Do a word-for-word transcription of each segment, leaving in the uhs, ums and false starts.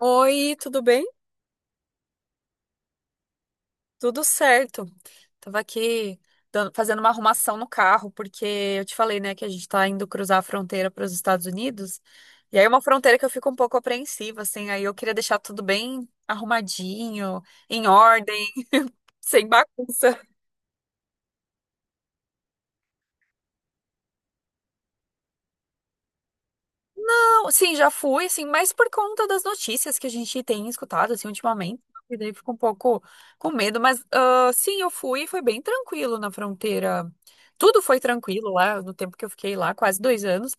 Oi, tudo bem? Tudo certo. Tava aqui dan- fazendo uma arrumação no carro, porque eu te falei, né, que a gente tá indo cruzar a fronteira para os Estados Unidos. E aí é uma fronteira que eu fico um pouco apreensiva, assim, aí eu queria deixar tudo bem arrumadinho, em ordem, sem bagunça. Sim, já fui, assim, mas por conta das notícias que a gente tem escutado, assim, ultimamente, e daí fico um pouco com medo, mas ah, sim, eu fui, e foi bem tranquilo na fronteira. Tudo foi tranquilo lá, no tempo que eu fiquei lá, quase dois anos,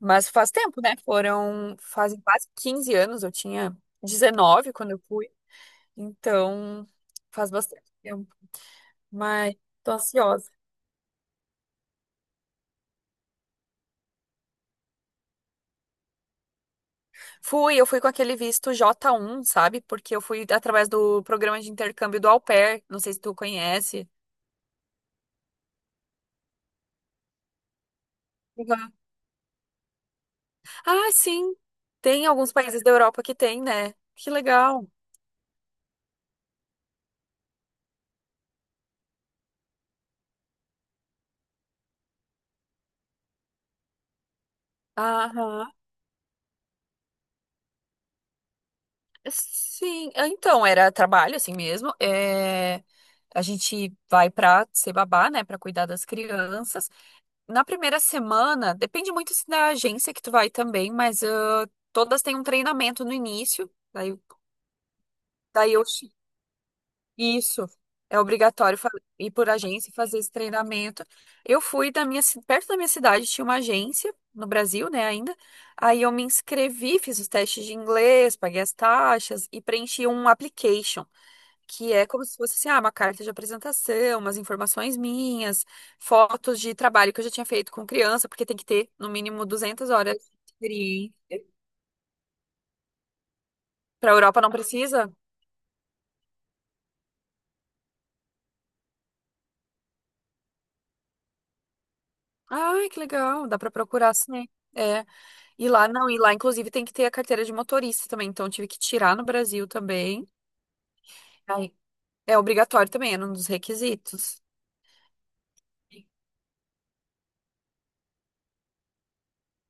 mas faz tempo, né? Foram, fazem quase quinze anos, eu tinha dezenove quando eu fui, então faz bastante tempo, mas tô ansiosa. Fui, eu fui com aquele visto jota um, sabe? Porque eu fui através do programa de intercâmbio do Au Pair, não sei se tu conhece. Legal. Ah, sim. Tem alguns países da Europa que tem, né? Que legal. Aham. Sim, ah, então era trabalho assim mesmo. É... A gente vai pra ser babá, né, pra cuidar das crianças. Na primeira semana, depende muito se da agência que tu vai também, mas ah, todas têm um treinamento no início. Daí, daí eu. Isso. É obrigatório fa- ir por agência e fazer esse treinamento. Eu fui da minha, ci- perto da minha cidade, tinha uma agência no Brasil, né, ainda. Aí eu me inscrevi, fiz os testes de inglês, paguei as taxas e preenchi um application, que é como se fosse assim, ah, uma carta de apresentação, umas informações minhas, fotos de trabalho que eu já tinha feito com criança, porque tem que ter no mínimo duzentas horas de experiência. Para Europa não precisa? Ai, que legal, dá para procurar sim. É. E lá, não, e lá, inclusive, tem que ter a carteira de motorista também. Então, eu tive que tirar no Brasil também. Aí, é obrigatório também, era um dos requisitos.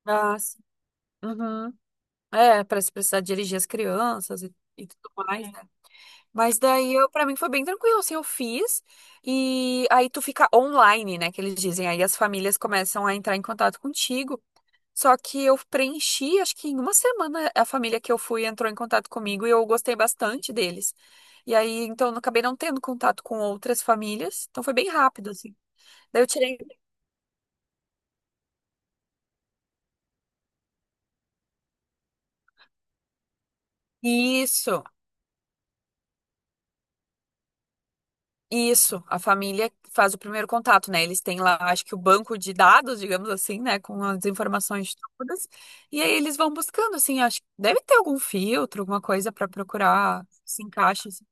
Ah, sim. Uhum. É, para se precisar dirigir as crianças e, e tudo mais, né? Mas daí, eu, para mim, foi bem tranquilo, assim, eu fiz. E aí, tu fica online, né, que eles dizem. Aí, as famílias começam a entrar em contato contigo. Só que eu preenchi, acho que em uma semana a família que eu fui entrou em contato comigo e eu gostei bastante deles. E aí, então, eu acabei não tendo contato com outras famílias. Então, foi bem rápido, assim. Daí eu tirei. Isso, isso. A família faz o primeiro contato, né? Eles têm lá, acho que o banco de dados, digamos assim, né? Com as informações todas. E aí eles vão buscando, assim. Acho que deve ter algum filtro, alguma coisa para procurar se encaixa, assim.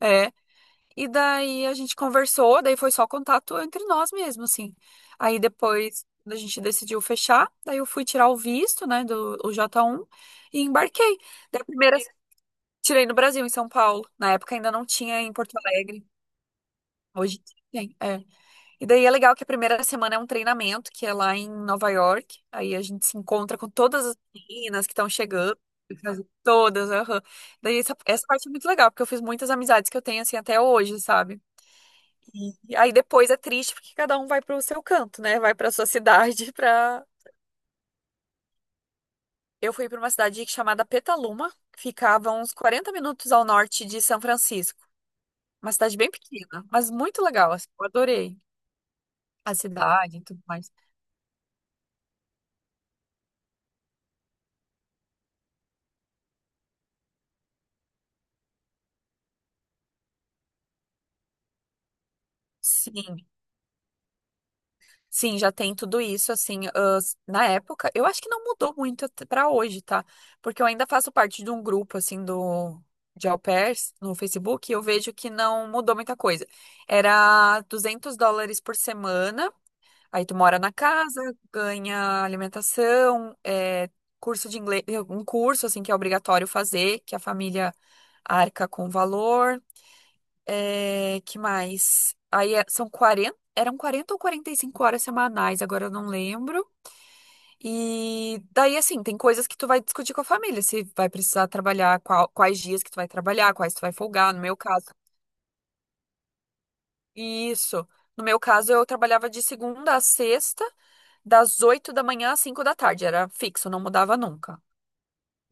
É. E daí a gente conversou, daí foi só contato entre nós mesmo, assim. Aí depois quando a gente decidiu fechar, daí eu fui tirar o visto, né, do o jota um e embarquei. Daí a primeira, tirei no Brasil, em São Paulo. Na época ainda não tinha em Porto Alegre. Hoje tem, é. E daí é legal que a primeira semana é um treinamento, que é lá em Nova York. Aí a gente se encontra com todas as meninas que estão chegando. Todas, aham. Daí essa, essa parte é muito legal, porque eu fiz muitas amizades que eu tenho, assim, até hoje, sabe? E aí depois é triste porque cada um vai pro seu canto, né? Vai pra sua cidade, pra. Eu fui pra uma cidade chamada Petaluma, que ficava uns quarenta minutos ao norte de São Francisco. Uma cidade bem pequena, mas muito legal, assim, eu adorei a cidade e tudo mais. Sim. Sim, já tem tudo isso, assim, ah, na época, eu acho que não mudou muito at- pra hoje, tá? Porque eu ainda faço parte de um grupo, assim, do, de au pairs no Facebook, e eu vejo que não mudou muita coisa. Era duzentos dólares por semana, aí tu mora na casa, ganha alimentação, é, curso de inglês, eh, um curso, assim, que é obrigatório fazer, que a família arca com o valor. É, que mais? Aí é- são quarenta eram quarenta ou quarenta e cinco horas semanais, agora eu não lembro. E daí, assim, tem coisas que tu vai discutir com a família, se vai precisar trabalhar, qual- quais dias que tu vai trabalhar, quais tu vai folgar, no meu caso. Isso. No meu caso, eu trabalhava de segunda a sexta, das oito da manhã às cinco da tarde, era fixo, não mudava nunca.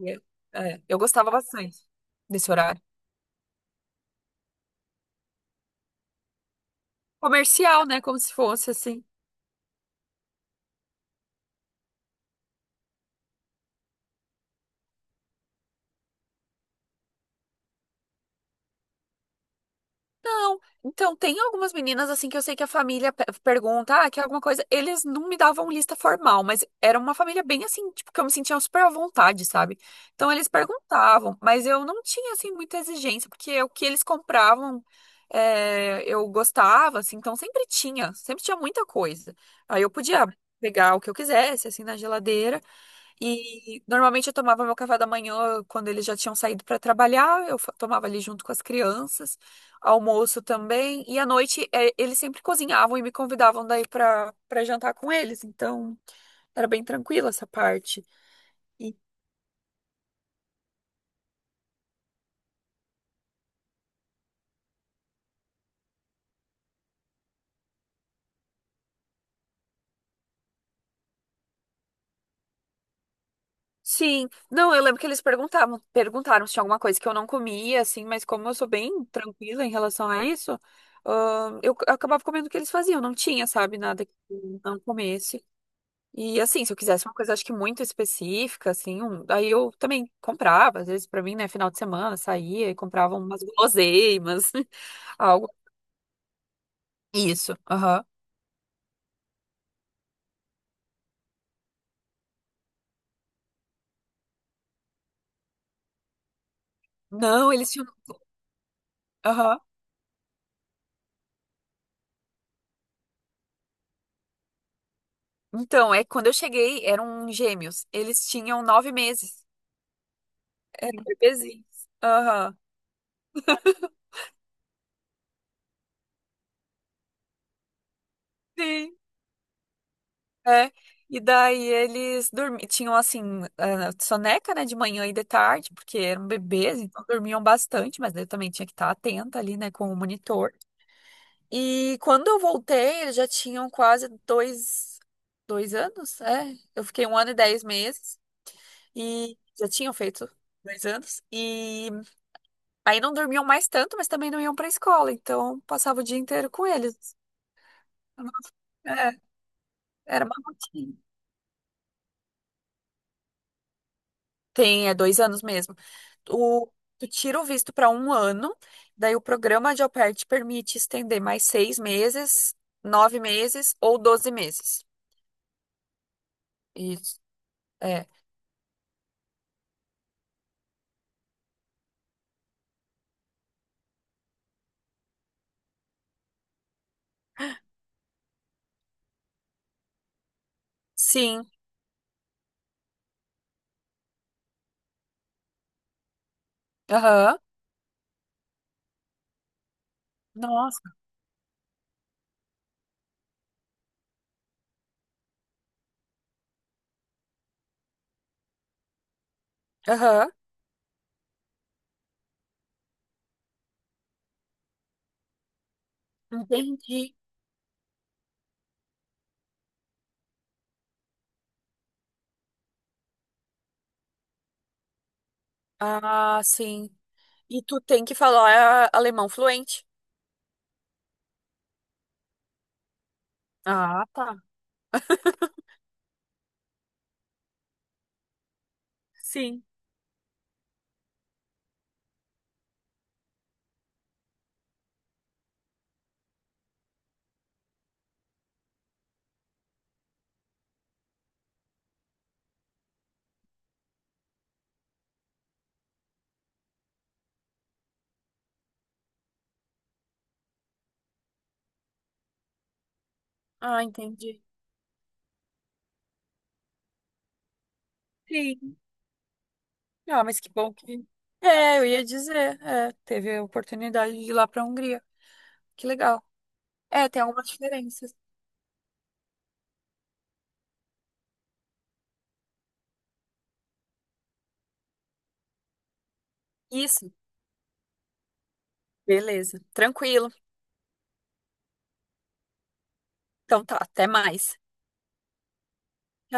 E eu é, eu gostava bastante desse horário. Comercial, né? Como se fosse assim. Não, então tem algumas meninas assim que eu sei que a família pe- pergunta, ah, quer alguma coisa? Eles não me davam lista formal, mas era uma família bem assim, tipo, que eu me sentia super à vontade, sabe? Então eles perguntavam, mas eu não tinha assim muita exigência, porque o que eles compravam é, eu gostava, assim, então sempre tinha, sempre tinha muita coisa. Aí eu podia pegar o que eu quisesse, assim, na geladeira. E normalmente eu tomava meu café da manhã quando eles já tinham saído para trabalhar, eu fa- tomava ali junto com as crianças, almoço também, e à noite eh, eles sempre cozinhavam e me convidavam daí para para jantar com eles, então era bem tranquila essa parte. E- sim, não, eu lembro que eles perguntavam, perguntaram se tinha alguma coisa que eu não comia, assim, mas como eu sou bem tranquila em relação a isso, ahn, eu c- acabava comendo o que eles faziam, não tinha, sabe, nada que eu não comesse. E assim, se eu quisesse uma coisa, acho que muito específica, assim, um- aí eu também comprava, às vezes pra mim, né, final de semana, saía e comprava umas guloseimas, algo. Isso, aham. Não, eles tinham. Aham. Então, é que quando eu cheguei, eram gêmeos. Eles tinham nove meses. Eram bebezinhos. Aham. Sim, é. E daí eles dormiam, tinham assim, ah, soneca, né, de manhã e de tarde, porque eram bebês, então dormiam bastante, mas eu também tinha que estar atenta ali, né, com o monitor. E quando eu voltei, eles já tinham quase dois, dois anos, é. Eu fiquei um ano e dez meses e já tinham feito dois anos. E aí não dormiam mais tanto, mas também não iam pra escola, então passava o dia inteiro com eles. É, era uma rotina. Tem, é dois anos mesmo. O, tu tira o visto para um ano, daí o programa de au pair te permite estender mais seis meses, nove meses ou doze meses. Isso. É. Sim. Aham. Nossa. Aham. Entendi. Ah, sim. E tu tem que falar alemão fluente. Ah, tá. Sim. Ah, entendi. Sim. Ah, mas que bom que. É, eu ia dizer. É, teve a oportunidade de ir lá pra Hungria. Que legal. É, tem algumas diferenças. Isso. Beleza. Tranquilo. Então tá, até mais. Tchau.